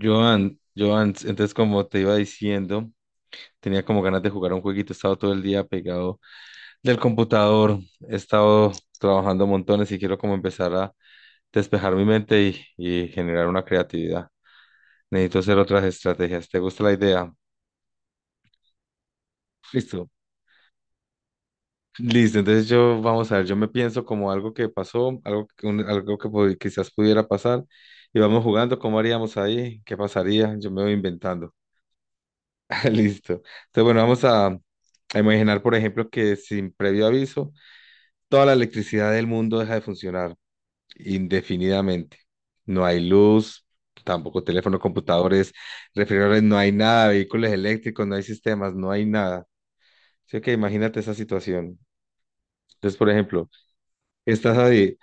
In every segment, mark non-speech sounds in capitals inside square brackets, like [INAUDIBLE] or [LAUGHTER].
Joan, Joan, entonces como te iba diciendo, tenía como ganas de jugar un jueguito, he estado todo el día pegado del computador, he estado trabajando montones y quiero como empezar a despejar mi mente y generar una creatividad. Necesito hacer otras estrategias. ¿Te gusta la idea? Listo. Listo, entonces yo, vamos a ver, yo me pienso como algo que pasó, algo, quizás pudiera pasar y vamos jugando, ¿cómo haríamos ahí? ¿Qué pasaría? Yo me voy inventando. [LAUGHS] Listo. Entonces, bueno, vamos a imaginar, por ejemplo, que sin previo aviso, toda la electricidad del mundo deja de funcionar indefinidamente. No hay luz, tampoco teléfono, computadores, refrigeradores, no hay nada, vehículos eléctricos, no hay sistemas, no hay nada. Así que imagínate esa situación. Entonces, por ejemplo, estás ahí,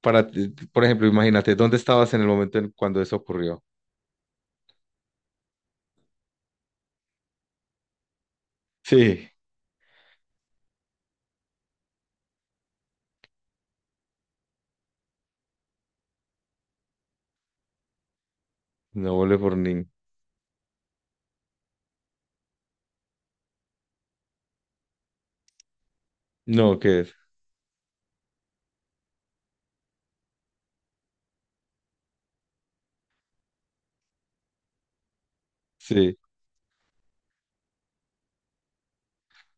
por ejemplo, imagínate, ¿dónde estabas en el momento en cuando eso ocurrió? Sí, no volé por ni. No, ¿qué es? Sí.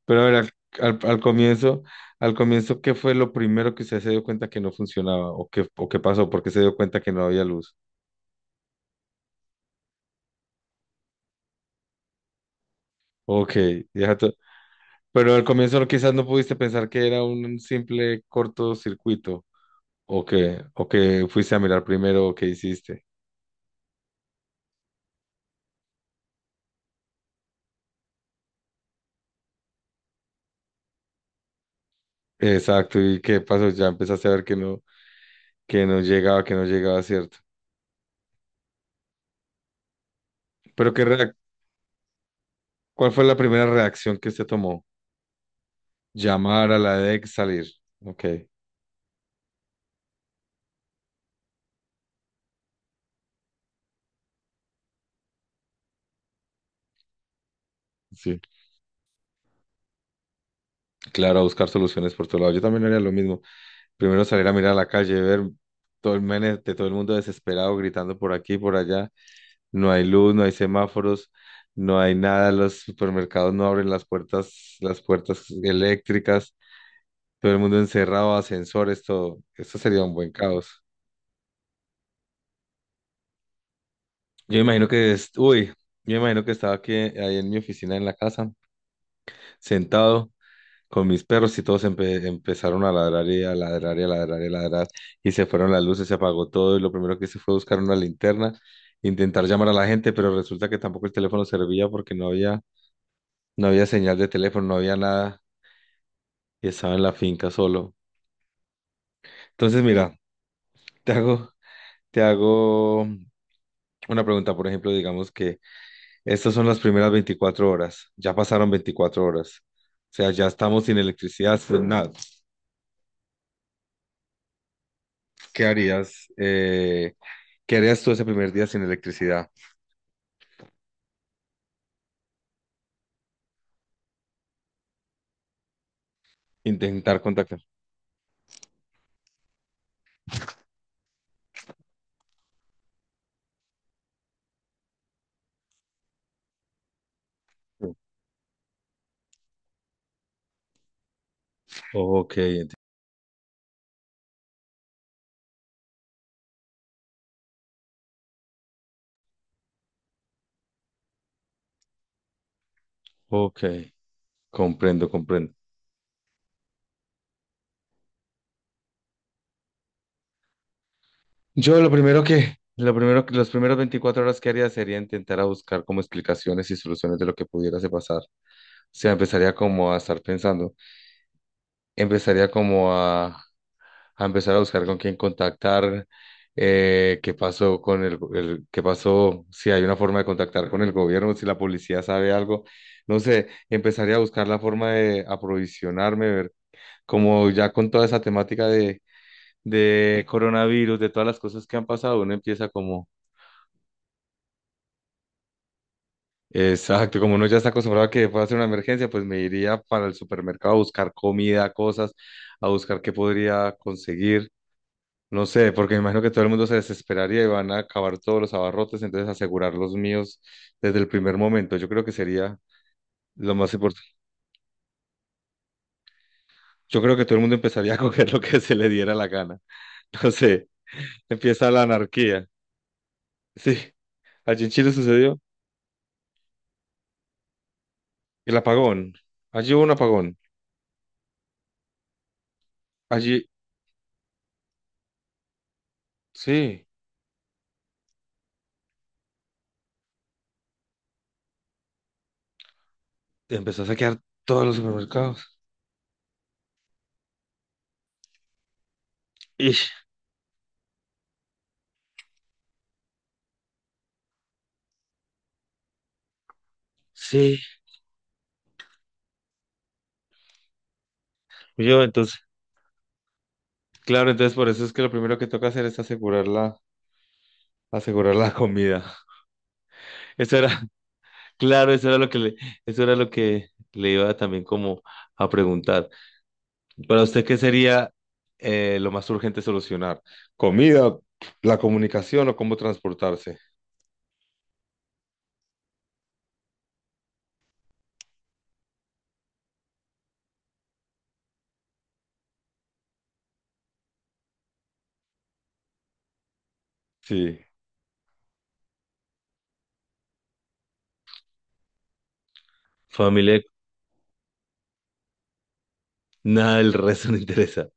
Pero a ver, al- al comienzo, al comienzo, ¿qué fue lo primero que usted se dio cuenta que no funcionaba? ¿O qué pasó? ¿Por qué se dio cuenta que no había luz? Ok. ya to- Pero al comienzo quizás no pudiste pensar que era un simple cortocircuito. ¿O que fuiste a mirar primero o qué hiciste? Exacto, ¿y qué pasó? Ya empezaste a ver que no, que no llegaba, ¿cierto? Pero qué reac- ¿Cuál fue la primera reacción que usted tomó? Llamar a la DEC, salir. Ok, sí. Claro, a buscar soluciones por todo lado. Yo también haría lo mismo. Primero salir a mirar a la calle, ver todo el mene de todo el mundo desesperado, gritando por aquí y por allá. No hay luz, no hay semáforos, no hay nada. Los supermercados no abren las puertas eléctricas. Todo el mundo encerrado, ascensores, todo. Esto sería un buen caos. Yo imagino que es, uy, yo imagino que estaba aquí, ahí en mi oficina, en la casa, sentado con mis perros y todos empezaron a ladrar y a ladrar y a ladrar y a ladrar y se fueron las luces, se apagó todo y lo primero que hice fue buscar una linterna, intentar llamar a la gente, pero resulta que tampoco el teléfono servía porque no había señal de teléfono, no había nada y estaba en la finca solo. Entonces, mira, te hago, te hago una pregunta, por ejemplo, digamos que estas son las primeras 24 horas, ya pasaron 24 horas. O sea, ya estamos sin electricidad, sin nada. ¿Qué harías? ¿Qué harías tú ese primer día sin electricidad? Intentar contactar. Sí. Ok, ok, comprendo, comprendo. Yo los primeros 24 horas que haría sería intentar a buscar como explicaciones y soluciones de lo que pudiera se pasar. O sea, empezaría como a estar pensando, empezaría como a empezar a buscar con quién contactar, qué pasó con qué pasó, si hay una forma de contactar con el gobierno, si la policía sabe algo, no sé, empezaría a buscar la forma de aprovisionarme, ver, como ya con toda esa temática de coronavirus, de todas las cosas que han pasado, uno empieza como, exacto, como uno ya está acostumbrado a que pueda ser una emergencia, pues me iría para el supermercado a buscar comida, cosas, a buscar qué podría conseguir. No sé, porque me imagino que todo el mundo se desesperaría y van a acabar todos los abarrotes, entonces asegurar los míos desde el primer momento. Yo creo que sería lo más importante. Yo creo que todo el mundo empezaría a [LAUGHS] coger lo que se le diera la gana. [LAUGHS] No sé, empieza la anarquía. Sí, allí en Chile sucedió el apagón. Allí hubo un apagón. Allí, sí, empezó a saquear todos los supermercados. Ish, sí, yo entonces, claro, entonces por eso es que lo primero que toca hacer es asegurar la comida. [LAUGHS] Eso era. Claro, eso era lo que le iba también como a preguntar. Para usted, ¿qué sería lo más urgente solucionar? ¿Comida, la comunicación o cómo transportarse? Sí, familia, nada del resto no interesa.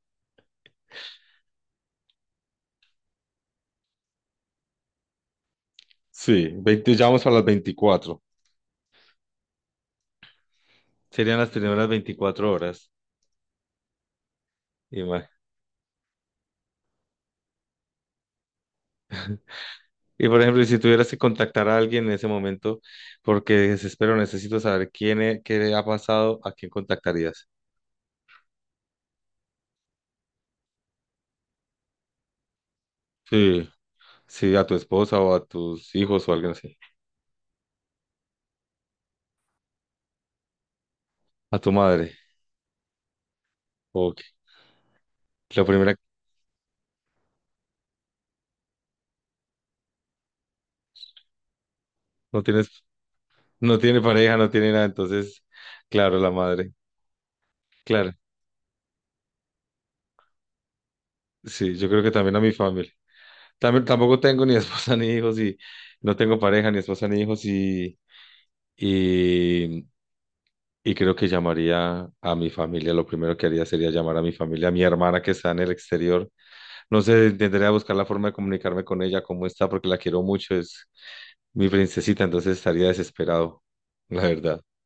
Sí, 20, ya vamos a las 24. Serían las primeras 24 horas. Y, ma- y, por ejemplo, si tuvieras que contactar a alguien en ese momento, porque desespero, necesito saber quién es, qué le ha pasado, ¿a quién contactarías? Sí. Sí, a tu esposa o a tus hijos o alguien así. A tu madre. Ok. La primera, no tienes, no tiene pareja, no tiene nada, entonces, claro, la madre. Claro. Sí, yo creo que también a mi familia. También, tampoco tengo ni [LAUGHS] esposa ni hijos y no tengo pareja, ni esposa ni hijos y, y creo que llamaría a mi familia. Lo primero que haría sería llamar a mi familia, a mi hermana que está en el exterior. No sé, intentaré buscar la forma de comunicarme con ella, cómo está, porque la quiero mucho. Es mi princesita, entonces estaría desesperado, la verdad. [LAUGHS]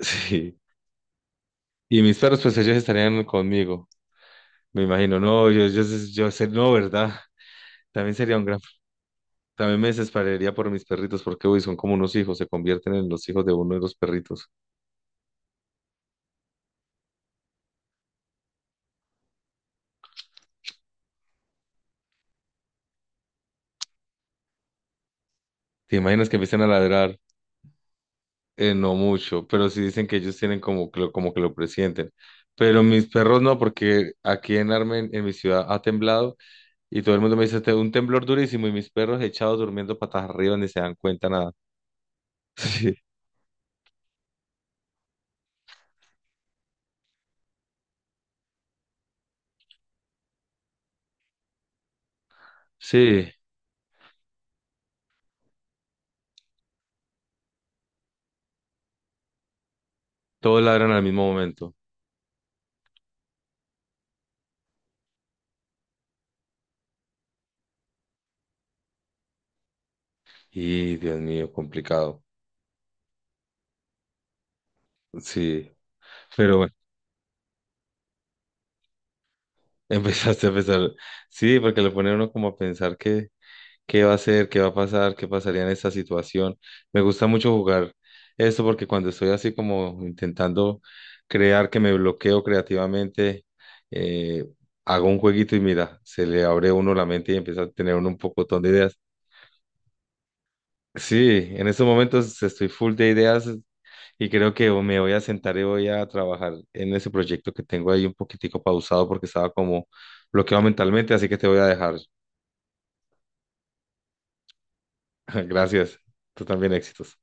Sí. Y mis perros, pues ellos estarían conmigo, me imagino. No, yo sé, no, ¿verdad? [LAUGHS] También sería un gran... También me desesperaría por mis perritos, porque uy, son como unos hijos, se convierten en los hijos de uno de los perritos. ¿Te imaginas que empiezan a ladrar? No mucho, pero sí dicen que ellos tienen como que lo presienten. Pero mis perros no, porque aquí en Armen, en mi ciudad, ha temblado y todo el mundo me dice, "Te- un temblor durísimo y mis perros echados durmiendo patas arriba ni se dan cuenta". Sí, sí, todos ladran al mismo momento. Y Dios mío, complicado. Sí, pero bueno, [LAUGHS] empezaste a pensar. Sí, porque lo pone a uno como a pensar qué, qué va a hacer, qué va a pasar, qué pasaría en esta situación. Me gusta mucho jugar esto porque cuando estoy así como intentando crear que me bloqueo creativamente, eh, hago un jueguito y mira, se le abre a uno la mente y empieza a tener uno un pocotón de ideas. Sí, en estos momentos estoy full de ideas. Y creo que me voy a sentar y voy a trabajar en ese proyecto que tengo ahí un poquitico pausado porque estaba como bloqueado mentalmente, así que te voy a dejar. [LAUGHS] Gracias. Tú también éxitos.